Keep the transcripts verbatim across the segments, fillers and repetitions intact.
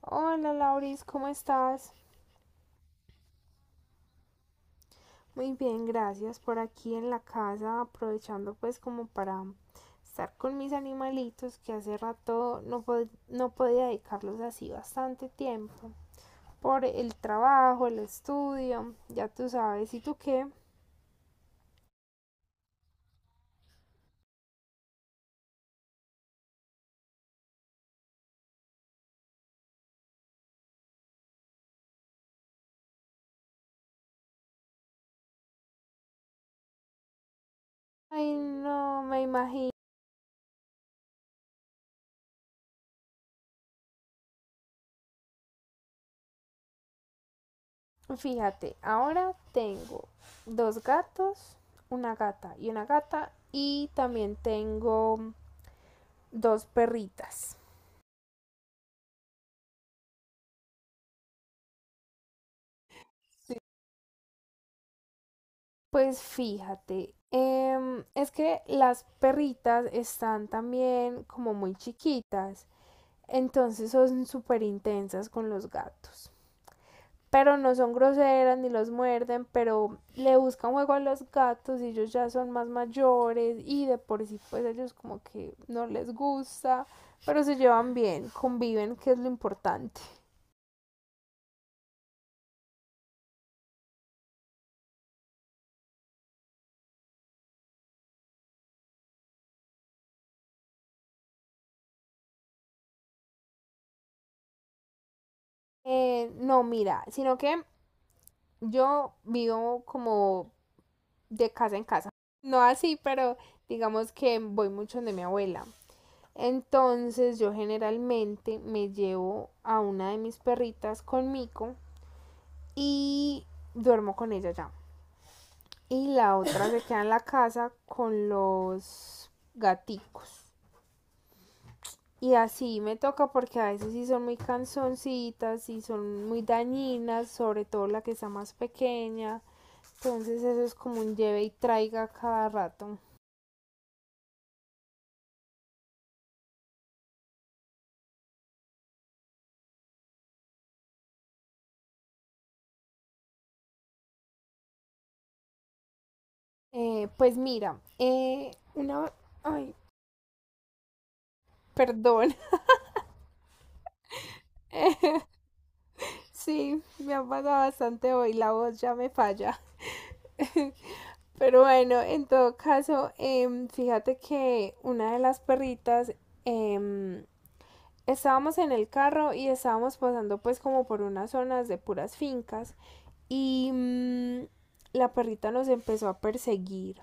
Hola Lauris, ¿cómo estás? Muy bien, gracias. Por aquí en la casa, aprovechando pues como para estar con mis animalitos que hace rato no, pod- no podía dedicarlos así bastante tiempo. Por el trabajo, el estudio, ya tú sabes. ¿Y tú qué? Ay, no me imagino. Fíjate, ahora tengo dos gatos, una gata y una gata, y también tengo dos perritas. Pues fíjate, em, es que las perritas están también como muy chiquitas, entonces son súper intensas con los gatos. Pero no son groseras ni los muerden, pero le buscan juego a los gatos y ellos ya son más mayores y de por sí pues ellos como que no les gusta, pero se llevan bien, conviven, que es lo importante. Eh, no, mira, sino que yo vivo como de casa en casa. No así, pero digamos que voy mucho donde mi abuela. Entonces yo generalmente me llevo a una de mis perritas conmigo y duermo con ella ya. Y la otra se queda en la casa con los gaticos. Y así me toca porque a veces sí son muy cansoncitas y son muy dañinas, sobre todo la que está más pequeña. Entonces eso es como un lleve y traiga cada rato. Eh, pues mira, eh, una... Ay, perdón. Sí, me ha pasado bastante hoy, la voz ya me falla. Pero bueno, en todo caso, em, fíjate que una de las perritas, em, estábamos en el carro y estábamos pasando pues como por unas zonas de puras fincas y mm, la perrita nos empezó a perseguir.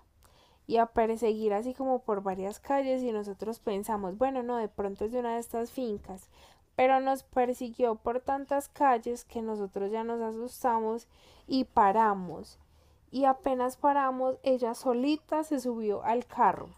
Y a perseguir así como por varias calles y nosotros pensamos, bueno, no, de pronto es de una de estas fincas, pero nos persiguió por tantas calles que nosotros ya nos asustamos y paramos. Y apenas paramos, ella solita se subió al carro.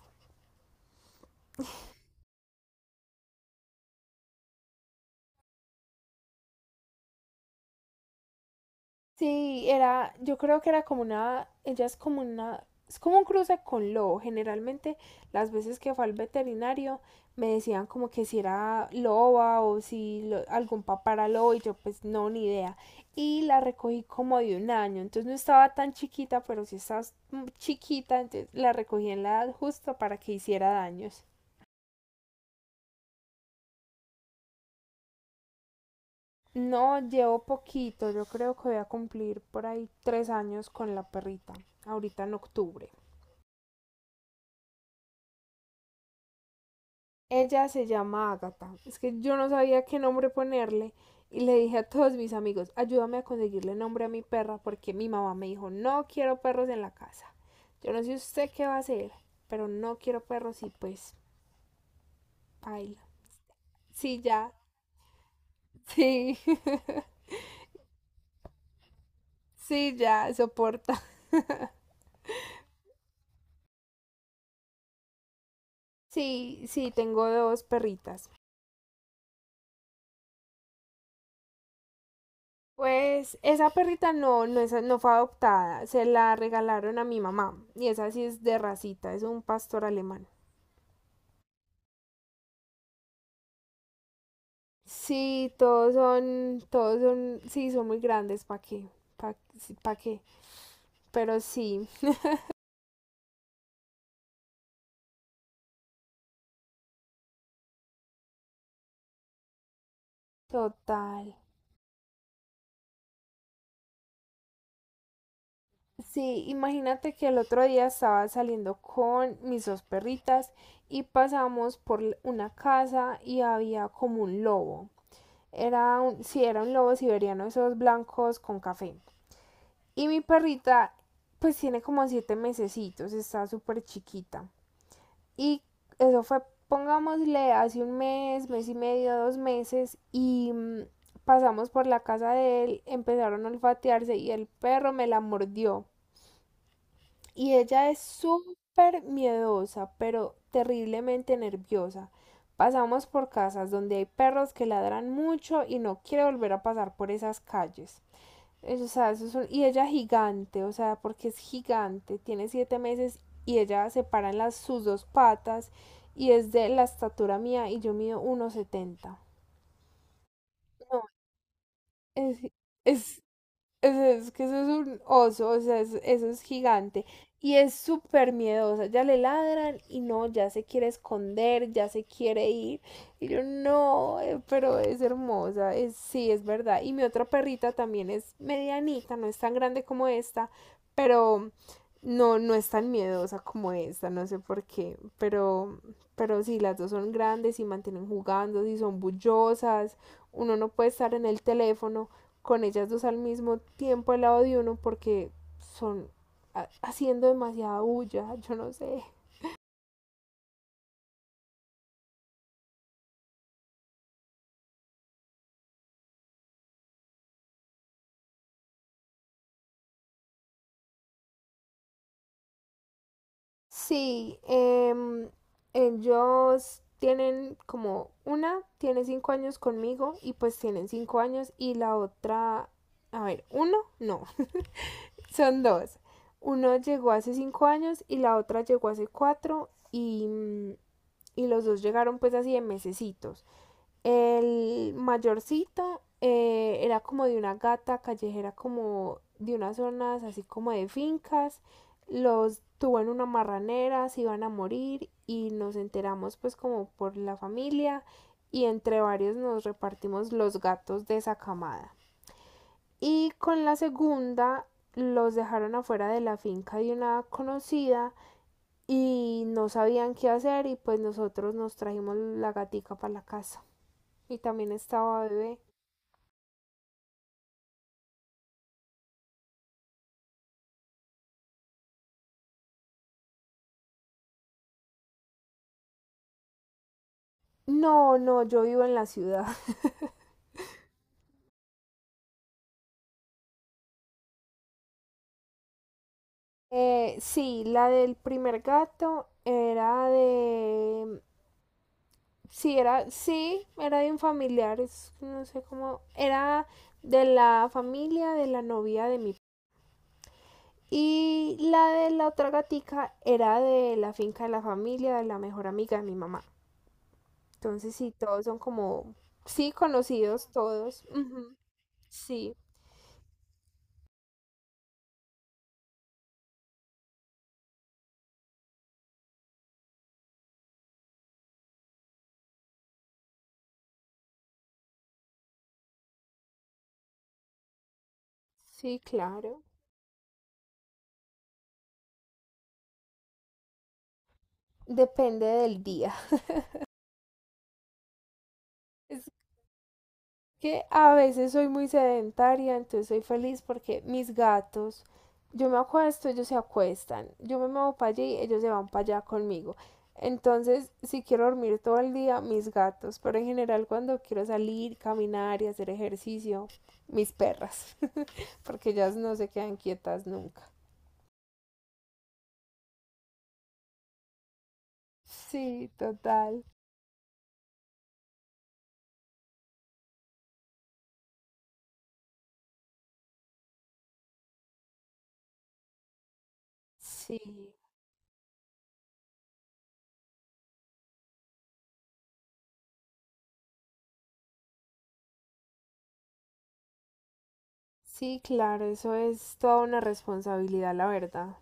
Sí, era, yo creo que era como una, ella es como una, es como un cruce con lobo. Generalmente las veces que fue al veterinario me decían como que si era loba o si lo- algún papá era lobo y yo pues no, ni idea. Y la recogí como de un año, entonces no estaba tan chiquita, pero sí estaba mm, chiquita, entonces la recogí en la edad justa para que hiciera daños. No, llevo poquito, yo creo que voy a cumplir por ahí tres años con la perrita, ahorita en octubre. Ella se llama Ágata. Es que yo no sabía qué nombre ponerle y le dije a todos mis amigos, ayúdame a conseguirle nombre a mi perra porque mi mamá me dijo, no quiero perros en la casa. Yo no sé usted qué va a hacer, pero no quiero perros y pues baila. Sí, ya. Sí, sí, ya, soporta. Sí, sí, tengo dos perritas. Pues esa perrita no, no, es, no fue adoptada, se la regalaron a mi mamá y esa sí es de racita, es un pastor alemán. Sí, todos son, todos son, sí, son muy grandes, ¿para qué? ¿Para qué? Pero sí, total. Sí, imagínate que el otro día estaba saliendo con mis dos perritas y pasamos por l- una casa y había como un lobo. Era un, sí, era un lobo siberiano, esos blancos con café. Y mi perrita, pues tiene como siete mesecitos, está súper chiquita. Y eso fue, pongámosle, hace un mes, mes y medio, dos meses, y mm, pasamos por la casa de él, empezaron a olfatearse y el perro me la mordió. Y ella es súper miedosa, pero terriblemente nerviosa. Pasamos por casas donde hay perros que ladran mucho y no quiere volver a pasar por esas calles. Es- o sea, eso es un- y ella gigante, o sea, porque es gigante, tiene siete meses y ella se para en las, sus dos patas y es de la estatura mía y yo mido uno setenta. No, es, es es es que eso es un oso, o sea, es- eso es gigante. Y es súper miedosa. Ya le ladran y no, ya se quiere esconder, ya se quiere ir. Y yo, no, eh, pero es hermosa. Es, sí, es verdad. Y mi otra perrita también es medianita, no es tan grande como esta, pero no, no es tan miedosa como esta, no sé por qué. Pero, pero sí, las dos son grandes y mantienen jugando, y son bullosas. Uno no puede estar en el teléfono con ellas dos al mismo tiempo al lado de uno porque son haciendo demasiada bulla, yo no sé. Sí, eh, ellos tienen como una tiene cinco años conmigo y pues tienen cinco años y la otra, a ver, uno, no, son dos. Uno llegó hace cinco años y la otra llegó hace cuatro y, y los dos llegaron pues así de mesecitos. El mayorcito eh, era como de una gata callejera, como de unas zonas así como de fincas. Los tuvo en una marranera, se iban a morir y nos enteramos pues como por la familia y entre varios nos repartimos los gatos de esa camada. Y con la segunda los dejaron afuera de la finca de una conocida y no sabían qué hacer y pues nosotros nos trajimos la gatica para la casa. Y también estaba bebé. No, no, yo vivo en la ciudad. Eh, sí, la del primer gato era de... Sí, era, sí, era de un familiar, es- no sé cómo, era de la familia de la novia de mi... Y la de la otra gatica era de la finca de la familia de la mejor amiga de mi mamá. Entonces sí, todos son como, sí, conocidos todos. Ujú, sí, sí, claro. Depende del día. Que a veces soy muy sedentaria, entonces soy feliz porque mis gatos, yo me acuesto, ellos se acuestan, yo me muevo para allí, ellos se van para allá conmigo. Entonces, si quiero dormir todo el día, mis gatos, pero en general cuando quiero salir, caminar y hacer ejercicio, mis perras, porque ellas no se quedan quietas nunca. Sí, total. Sí, sí, claro, eso es toda una responsabilidad, la verdad.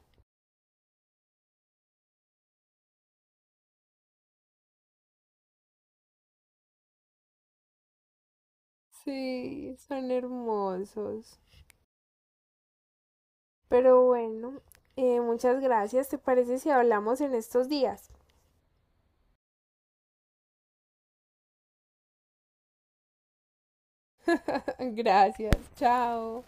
Sí, son hermosos. Pero bueno, eh, muchas gracias. ¿Te parece si hablamos en estos días? Gracias, chao.